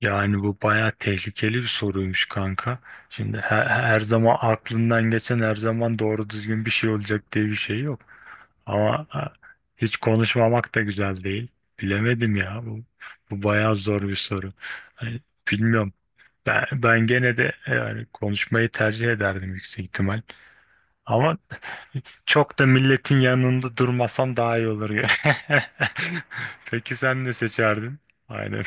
Yani bu bayağı tehlikeli bir soruymuş kanka. Şimdi her zaman aklından geçen her zaman doğru düzgün bir şey olacak diye bir şey yok. Ama ha, hiç konuşmamak da güzel değil. Bilemedim ya. Bu bayağı zor bir soru. Hani bilmiyorum. Ben gene de yani konuşmayı tercih ederdim yüksek ihtimal. Ama çok da milletin yanında durmasam daha iyi olur ya. Peki sen ne seçerdin? Aynen.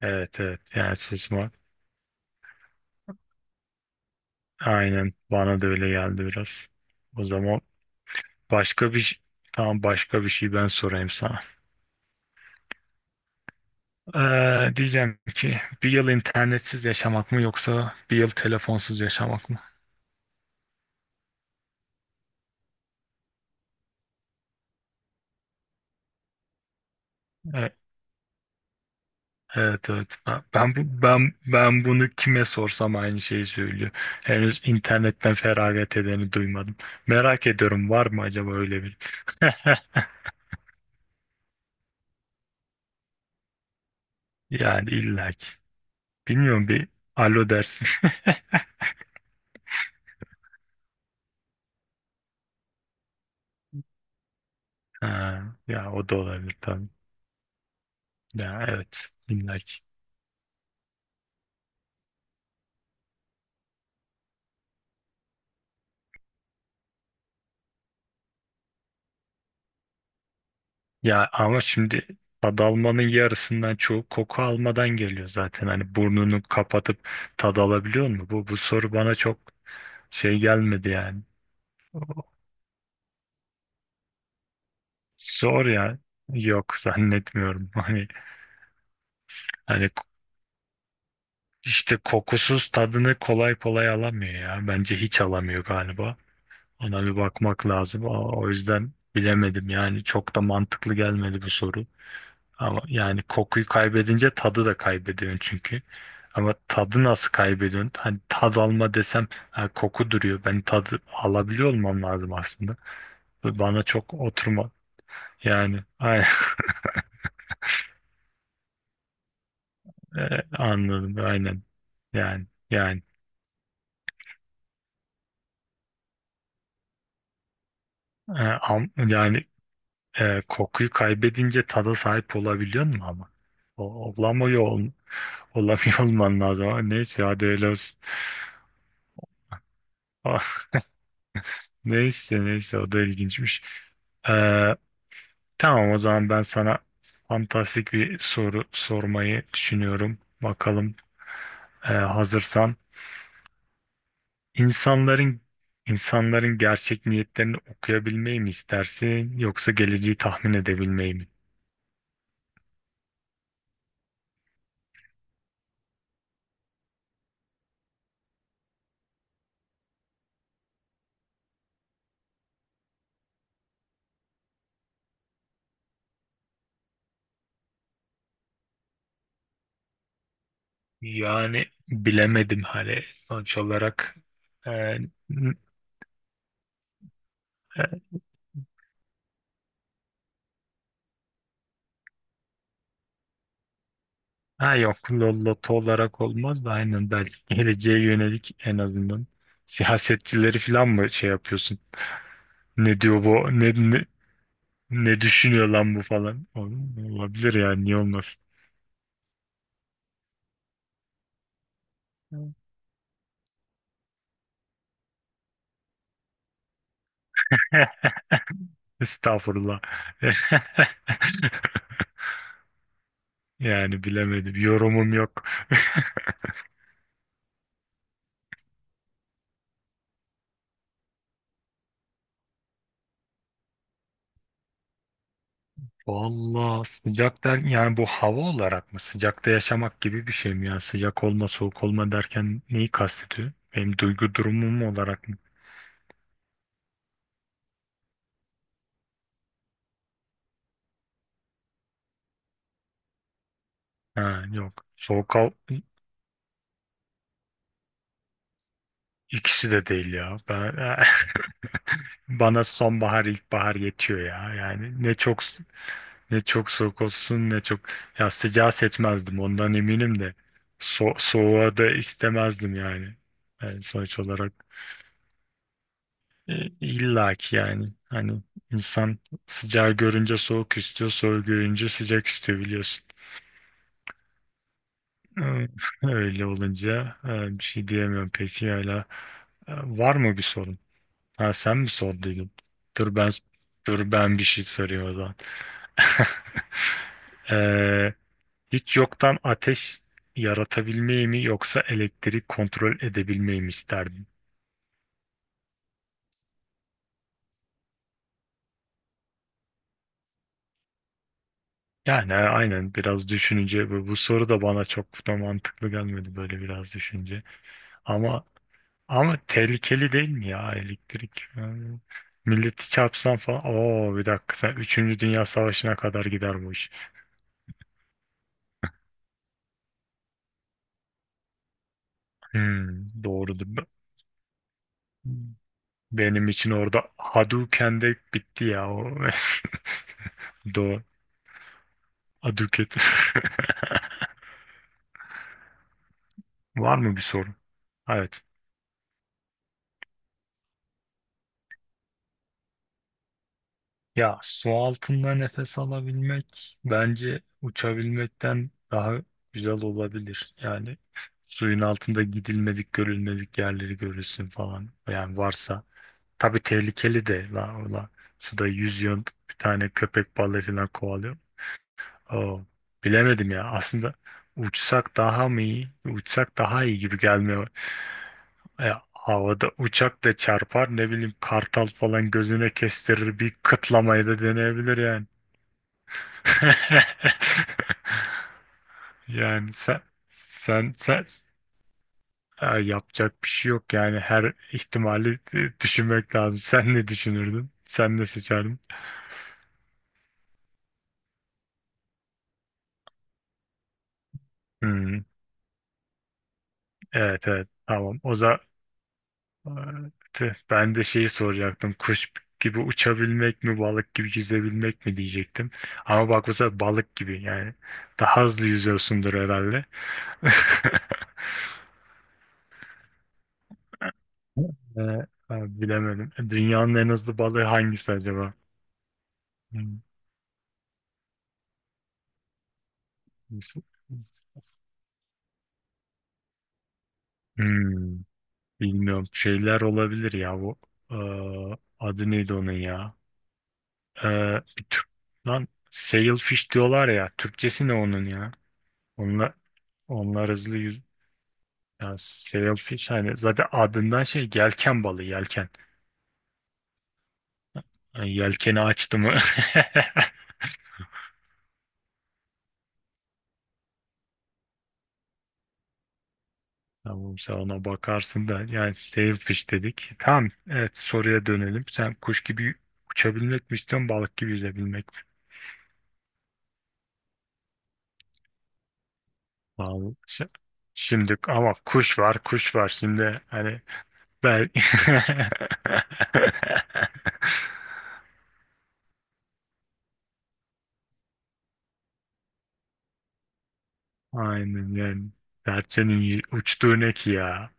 Evet, evet, yersiz var. Aynen bana da öyle geldi biraz. O zaman başka bir ş- tamam, başka bir şey ben sorayım sana. Diyeceğim ki bir yıl internetsiz yaşamak mı yoksa bir yıl telefonsuz yaşamak mı? E- Evet, evet, ben ben bu ben ben bunu kime sorsam aynı şeyi söylüyor. Henüz internetten feragat edeni duymadım. Merak ediyorum, var mı acaba öyle bir? Yani illaki. Bilmiyorum, bir alo dersin. Ha, ya o da olabilir tabii. Ya evet, illaki. Ya ama şimdi tad almanın yarısından çoğu koku almadan geliyor zaten. Hani burnunu kapatıp tad alabiliyor mu? Bu soru bana çok şey gelmedi yani. Zor ya. Yok, zannetmiyorum. Hani işte kokusuz tadını kolay kolay alamıyor ya. Bence hiç alamıyor galiba. Ona bir bakmak lazım. O yüzden bilemedim yani, çok da mantıklı gelmedi bu soru. Ama yani kokuyu kaybedince tadı da kaybediyorsun çünkü. Ama tadı nasıl kaybediyorsun? Hani tad alma desem, ha, koku duruyor. Ben tadı alabiliyor olmam lazım aslında. Ve bana çok oturma. Yani aynen. E, anladım, aynen. Yani yani kokuyu kaybedince tada sahip olabiliyor mu ama? Olamıyor, olamıyor olman lazım. Ama neyse, hadi öyle olsun. Neyse, o da ilginçmiş. E, Tamam, o zaman ben sana fantastik bir soru sormayı düşünüyorum. Bakalım, hazırsan. İnsanların insanların gerçek niyetlerini okuyabilmeyi mi istersin yoksa geleceği tahmin edebilmeyi mi? Yani bilemedim, hani sonuç olarak e, n- e, ha yok, loto olarak olmaz da aynen, belki geleceğe yönelik en azından siyasetçileri falan mı şey yapıyorsun? Ne diyor bu? Ne düşünüyor lan bu falan. Oğlum, olabilir yani, niye olmasın. Estağfurullah. Yani bilemedim. Yorumum yok. Vallahi sıcak der yani, bu hava olarak mı? Sıcakta yaşamak gibi bir şey mi? Yani sıcak olma soğuk olma derken neyi kastediyor? Benim duygu durumum olarak mı? Ha, yok. Soğuk al ikisi de değil ya. Ben... Bana sonbahar ilkbahar yetiyor ya. Ne çok soğuk olsun, ne çok, ya sıcağı seçmezdim ondan eminim de soğuğa da istemezdim yani. Yani sonuç olarak e, illa ki yani, hani insan sıcağı görünce soğuk istiyor, soğuğu görünce sıcak istiyor, biliyorsun. Ee, Öyle olunca bir şey diyemiyorum, peki hala e, var mı bir sorun? Ha, sen mi sorduydun? Dur ben Dur ben bir şey soruyorum o zaman. Ee, Hiç yoktan ateş yaratabilmeyi mi yoksa elektrik kontrol edebilmeyi mi isterdin? Yani aynen, biraz düşününce bu soru da bana çok da mantıklı gelmedi böyle, biraz düşünce. Ama Ama tehlikeli değil mi ya elektrik? Yani milleti çarpsan falan. Oo, bir dakika, sen üçüncü Dünya Savaşı'na kadar gider bu iş. Hmm, doğrudur. Benim için orada Hadouken de bitti ya. O. Doğru. Hadouken. Var mı bir sorun? Evet. Ya su altında nefes alabilmek bence uçabilmekten daha güzel olabilir. Yani suyun altında gidilmedik, görülmedik yerleri görürsün falan. Yani varsa. Tabii tehlikeli de la ola. Suda yüzüyorsun, bir tane köpek balığı falan kovalıyor. Oo, bilemedim ya. Aslında uçsak daha mı iyi? Uçsak daha iyi gibi gelmeye... E, havada uçak da çarpar, ne bileyim, kartal falan gözüne kestirir bir kıtlamayı da deneyebilir yani. Yani sen yapacak bir şey yok yani, her ihtimali düşünmek lazım. Sen ne düşünürdün? Sen ne seçerdin? Hmm, evet, evet, tamam. O. Aa, tüh, ben de şeyi soracaktım. Kuş gibi uçabilmek mi, balık gibi yüzebilmek mi diyecektim. Ama bak, bu sefer balık gibi yani. Daha hızlı yüzüyorsundur herhalde. Ee, Bilemedim. Dünyanın en hızlı balığı hangisi acaba? Hmm, hmm, bilmiyorum. Şeyler olabilir ya bu. Ee, Adı neydi onun ya? Ee, Bir tür... Lan sailfish diyorlar ya. Türkçesi ne onun ya? Onlar, Onlar hızlı yüz... Ya sailfish, hani zaten adından şey, yelken balığı, yelken. Yani yelkeni açtı mı? Tamam, sen ona bakarsın da yani, sailfish dedik. Tamam, evet, soruya dönelim. Sen kuş gibi uçabilmek mi istiyorsun, balık gibi yüzebilmek mi? Vallahi şi- Şimdi ama kuş var şimdi, hani ben aynen yani, serçenin uçtuğu ne ki ya?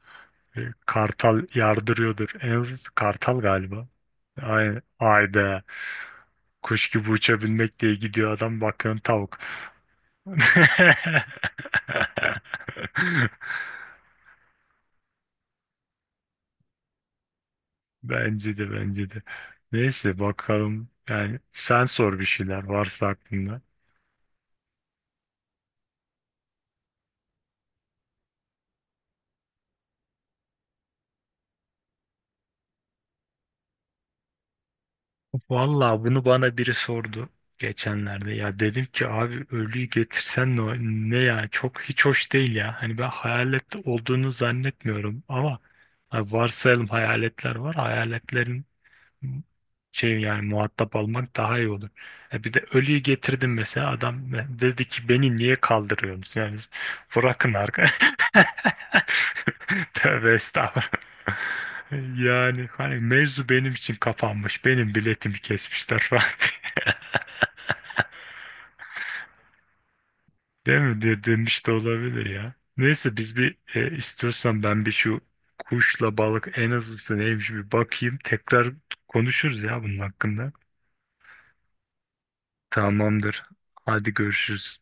E, Kartal yardırıyordur. En az kartal galiba. Aynen. Ayda. Kuş gibi uçabilmek diye gidiyor adam, bakıyorsun tavuk. Bence de. Neyse, bakalım. Yani sen sor, bir şeyler varsa aklında. Vallahi bunu bana biri sordu geçenlerde. Ya dedim ki abi, ölüyü getirsen ne ya, çok hiç hoş değil ya. Hani ben hayalet olduğunu zannetmiyorum ama hani varsayalım hayaletler var. Hayaletlerin şey, yani muhatap almak daha iyi olur. E bir de ölüyü getirdim mesela, adam dedi ki beni niye kaldırıyorsunuz? Yani bırakın arka. Tövbe estağfurullah. Yani hani mevzu benim için kapanmış. Benim biletimi kesmişler falan. Değil mi? Demiş de olabilir ya. Neyse, biz bir, istiyorsan ben bir şu kuşla balık en azısı neymiş bir bakayım. Tekrar konuşuruz ya bunun hakkında. Tamamdır. Hadi, görüşürüz.